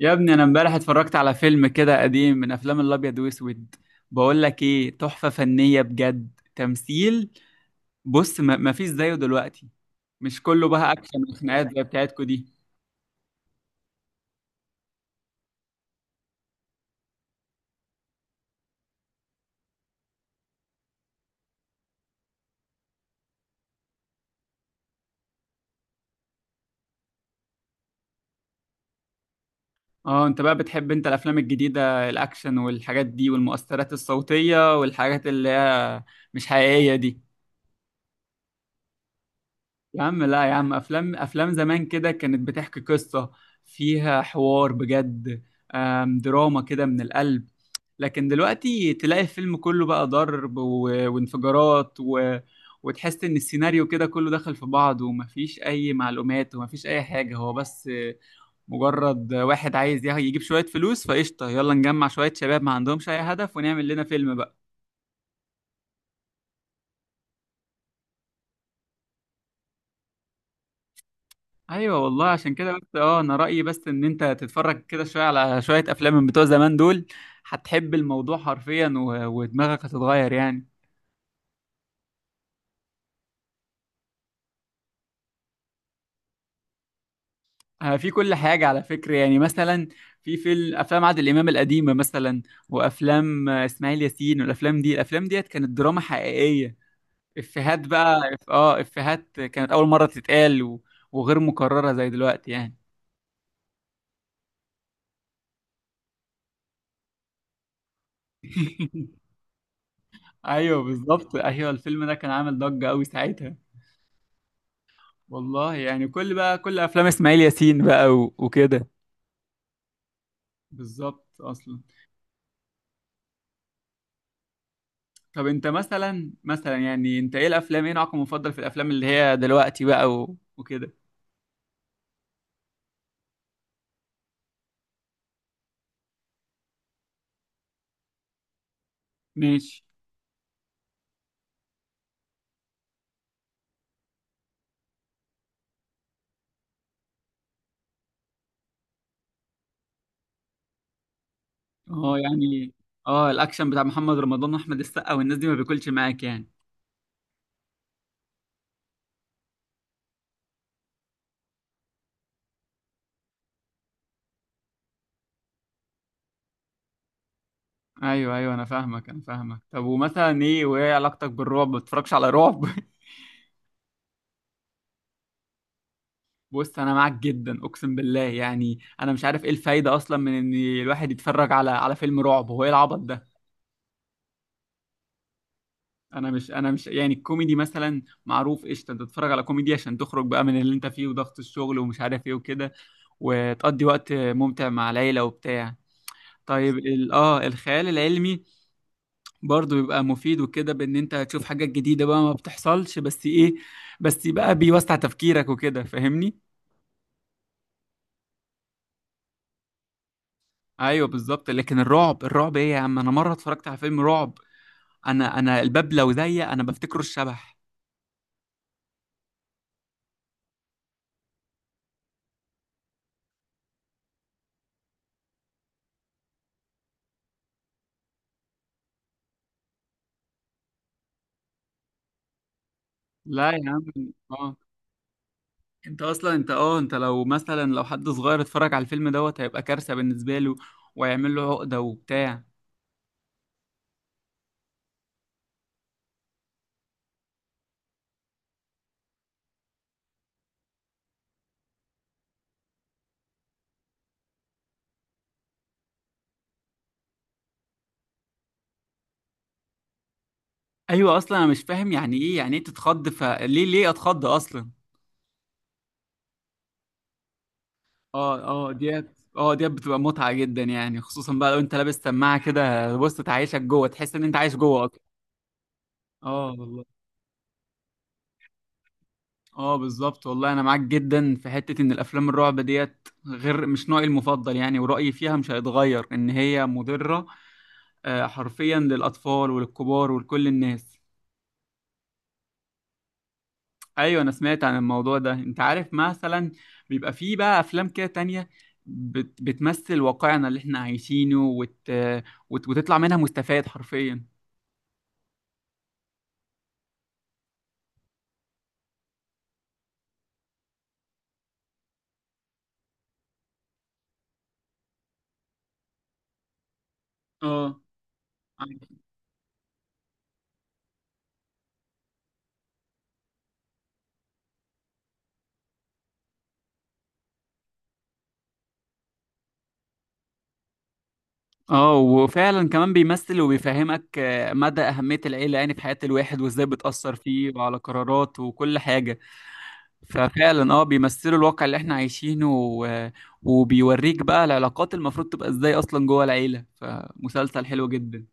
يا ابني انا امبارح اتفرجت على فيلم كده قديم من افلام الابيض واسود. بقول لك ايه؟ تحفة فنية بجد، تمثيل. بص، ما فيش زيه دلوقتي. مش كله بقى اكشن وخناقات زي بتاعتكو دي. اه، انت بقى بتحب انت الافلام الجديدة، الاكشن والحاجات دي والمؤثرات الصوتية والحاجات اللي هي مش حقيقية دي. يا عم لا، يا عم افلام زمان كده كانت بتحكي قصة، فيها حوار بجد. دراما كده من القلب. لكن دلوقتي تلاقي الفيلم كله بقى ضرب و... وانفجارات، و... وتحس ان السيناريو كده كله دخل في بعض ومفيش اي معلومات ومفيش اي حاجة. هو بس مجرد واحد عايز يجيب شوية فلوس، فقشطة يلا نجمع شوية شباب ما عندهمش اي هدف ونعمل لنا فيلم بقى. ايوه والله، عشان كده بس اه، انا رأيي بس ان انت تتفرج كده شوية على شوية افلام من بتوع زمان دول. هتحب الموضوع حرفيا، و... ودماغك هتتغير يعني. في كل حاجة على فكرة، يعني مثلا في فيلم، أفلام عادل إمام القديمة مثلا، وأفلام إسماعيل ياسين، والأفلام دي الأفلام ديت كانت دراما حقيقية. إفيهات بقى، إفيهات كانت أول مرة تتقال، و- وغير مكررة زي دلوقتي يعني. أيوه بالظبط، أيوه الفيلم ده كان عامل ضجة أوي ساعتها. والله يعني، كل بقى كل أفلام إسماعيل ياسين بقى و- وكده. بالظبط أصلا. طب أنت مثلا، أنت إيه الأفلام؟ إيه نوعك المفضل في الأفلام اللي هي دلوقتي بقى و- وكده؟ ماشي. اه يعني. اه الاكشن بتاع محمد رمضان واحمد السقا والناس دي ما بياكلش معاك يعني؟ ايوه ايوه، انا فاهمك انا فاهمك. طب ومثلا ايه؟ وايه علاقتك بالرعب؟ ما بتتفرجش على رعب؟ بص انا معاك جدا، اقسم بالله يعني انا مش عارف ايه الفايده اصلا من ان الواحد يتفرج على على فيلم رعب. هو ايه العبط ده؟ انا مش يعني، الكوميدي مثلا معروف، قشطه، انت تتفرج على كوميدي عشان تخرج بقى من اللي انت فيه، وضغط الشغل ومش عارف ايه وكده، وتقضي وقت ممتع مع العيله وبتاع. طيب الخيال العلمي برضه بيبقى مفيد وكده، بان انت هتشوف حاجات جديدة بقى ما بتحصلش. بس ايه، بس بقى بيوسع تفكيرك وكده، فاهمني؟ ايوه بالظبط. لكن الرعب، الرعب ايه يا عم؟ انا مرة اتفرجت على فيلم رعب، انا الباب لو ضيق انا بفتكره الشبح. لا يا عم. اه انت اصلا، انت لو مثلا لو حد صغير اتفرج على الفيلم دوت هيبقى كارثة بالنسبة له، ويعمل له عقدة وبتاع. ايوه، اصلا انا مش فاهم يعني ايه، يعني ايه تتخض؟ فليه، ليه اتخض اصلا؟ اه. اه ديت، اه ديت بتبقى متعة جدا يعني، خصوصا بقى لو انت لابس سماعة كده، بص تعيشك جوه، تحس ان انت عايش جوه اصلا. اه والله. اه بالظبط والله، انا معاك جدا في حتة ان الافلام الرعب ديت، غير مش نوعي المفضل يعني، ورأيي فيها مش هيتغير، ان هي مضرة حرفيا للاطفال وللكبار ولكل الناس. ايوه، انا سمعت عن الموضوع ده. انت عارف مثلا بيبقى فيه بقى افلام كده تانية، بتمثل واقعنا اللي احنا عايشينه، وت... وت... وتطلع منها مستفاد حرفيا. اه. اه، وفعلا كمان بيمثل وبيفهمك مدى أهمية العيلة يعني في حياة الواحد، وازاي بتأثر فيه وعلى قراراته وكل حاجة. ففعلا اه بيمثلوا الواقع اللي احنا عايشينه، و... وبيوريك بقى العلاقات المفروض تبقى ازاي اصلا جوه العيلة. فمسلسل حلو جدا.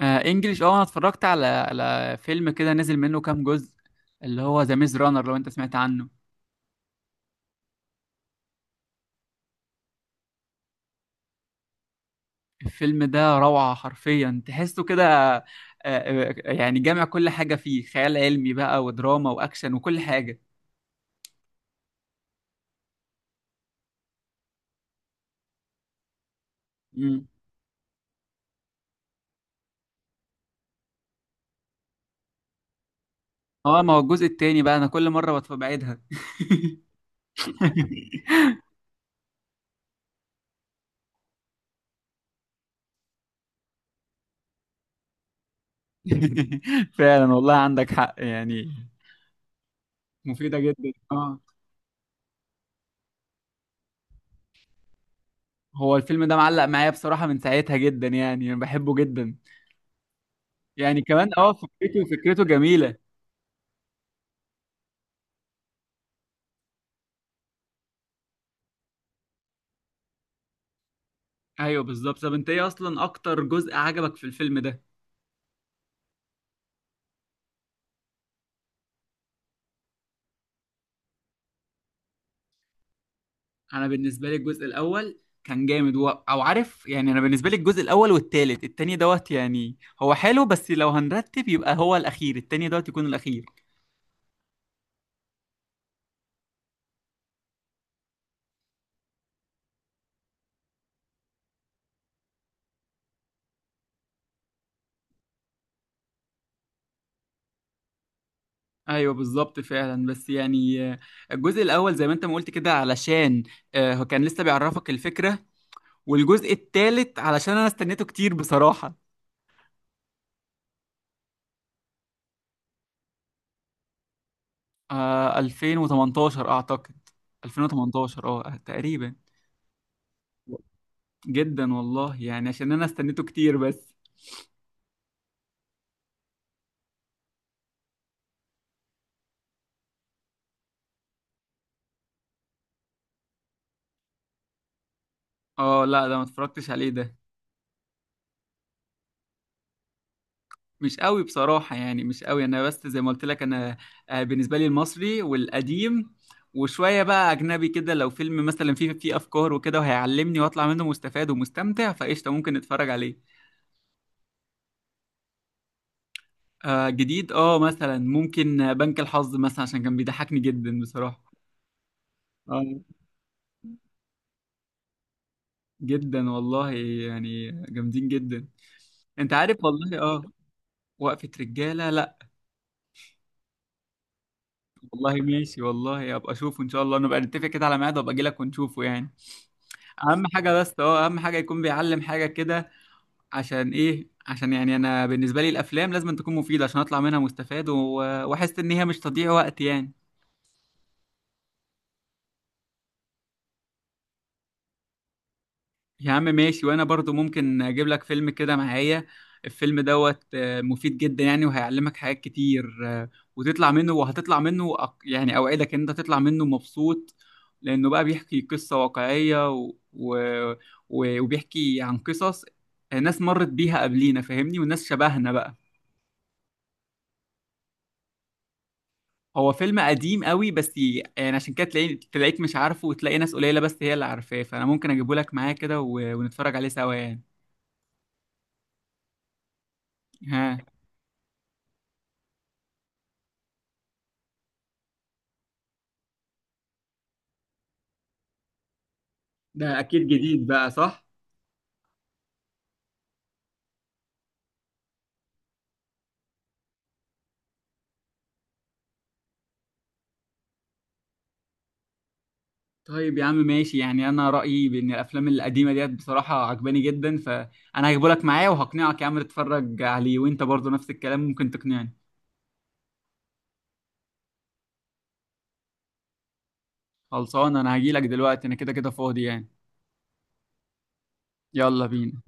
آه انجليش. اه انا اتفرجت على على فيلم كده نزل منه كام جزء، اللي هو ذا ميز رانر، لو انت سمعت عنه. الفيلم ده روعة حرفيا، تحسه كده يعني جامع كل حاجة فيه، خيال علمي بقى ودراما واكشن وكل حاجة. مم. اه، ما هو الجزء التاني بقى انا كل مرة بعيدها. فعلا والله، عندك حق يعني. مفيدة جدا اه. هو الفيلم ده معلق معايا بصراحة من ساعتها جدا يعني، انا بحبه جدا. يعني كمان اه، فكرته جميلة. ايوه بالظبط. طب انت ايه اصلا اكتر جزء عجبك في الفيلم ده؟ انا بالنسبه لي الجزء الاول كان جامد، و... او عارف يعني انا بالنسبه لي الجزء الاول والتالت، التاني دوت يعني هو حلو، بس لو هنرتب يبقى هو الاخير، التاني دوت يكون الاخير. ايوه بالظبط فعلا، بس يعني الجزء الاول زي ما انت ما قلت كده، علشان هو كان لسه بيعرفك الفكره، والجزء التالت علشان انا استنيته كتير بصراحه. آه 2018 اعتقد. 2018 اه تقريبا. جدا والله يعني، عشان انا استنيته كتير بس. اه لا، ده ما اتفرجتش عليه ده. مش قوي بصراحة يعني، مش قوي. انا بس زي ما قلت لك، انا بالنسبة لي المصري والقديم، وشوية بقى اجنبي كده. لو فيلم مثلا فيه افكار وكده، وهيعلمني واطلع منه مستفاد ومستمتع، فقشطة ممكن اتفرج عليه. آه جديد، اه مثلا ممكن بنك الحظ مثلا، عشان كان بيضحكني جدا بصراحة. اه جدا والله. يعني جامدين جدا. انت عارف والله، اه. وقفة رجالة؟ لا. والله ماشي، والله ابقى اشوفه ان شاء الله. نبقى نتفق كده على ميعاد وابقى اجي لك ونشوفه يعني. اهم حاجه بس اه، اهم حاجه يكون بيعلم حاجه كده. عشان ايه؟ عشان يعني انا بالنسبه لي الافلام لازم تكون مفيده، عشان اطلع منها مستفاد، و- واحس ان هي مش تضييع وقت يعني. يا عم ماشي. وانا برضو ممكن اجيب لك فيلم كده معايا، الفيلم دوت مفيد جدا يعني، وهيعلمك حاجات كتير، وتطلع منه، وهتطلع منه يعني اوعدك ان انت تطلع منه مبسوط، لانه بقى بيحكي قصة واقعية، و... و... و- وبيحكي عن قصص ناس مرت بيها قبلينا، فاهمني؟ والناس شبهنا بقى. هو فيلم قديم قوي، بس يعني عشان كده تلاقي، تلاقيك مش عارفه، وتلاقي ناس قليلة بس هي اللي عارفاه. فانا ممكن اجيبه لك معايا كده، و... ونتفرج عليه سوا يعني. ها. ده اكيد جديد بقى، صح؟ طيب يا عم ماشي. يعني انا رايي بان الافلام القديمه ديت بصراحه عجباني جدا، فانا هجيبه لك معايا وهقنعك يا عم تتفرج عليه، وانت برضو نفس الكلام ممكن تقنعني. خلصان. انا هجيلك دلوقتي، انا كده كده فاضي يعني. يلا بينا.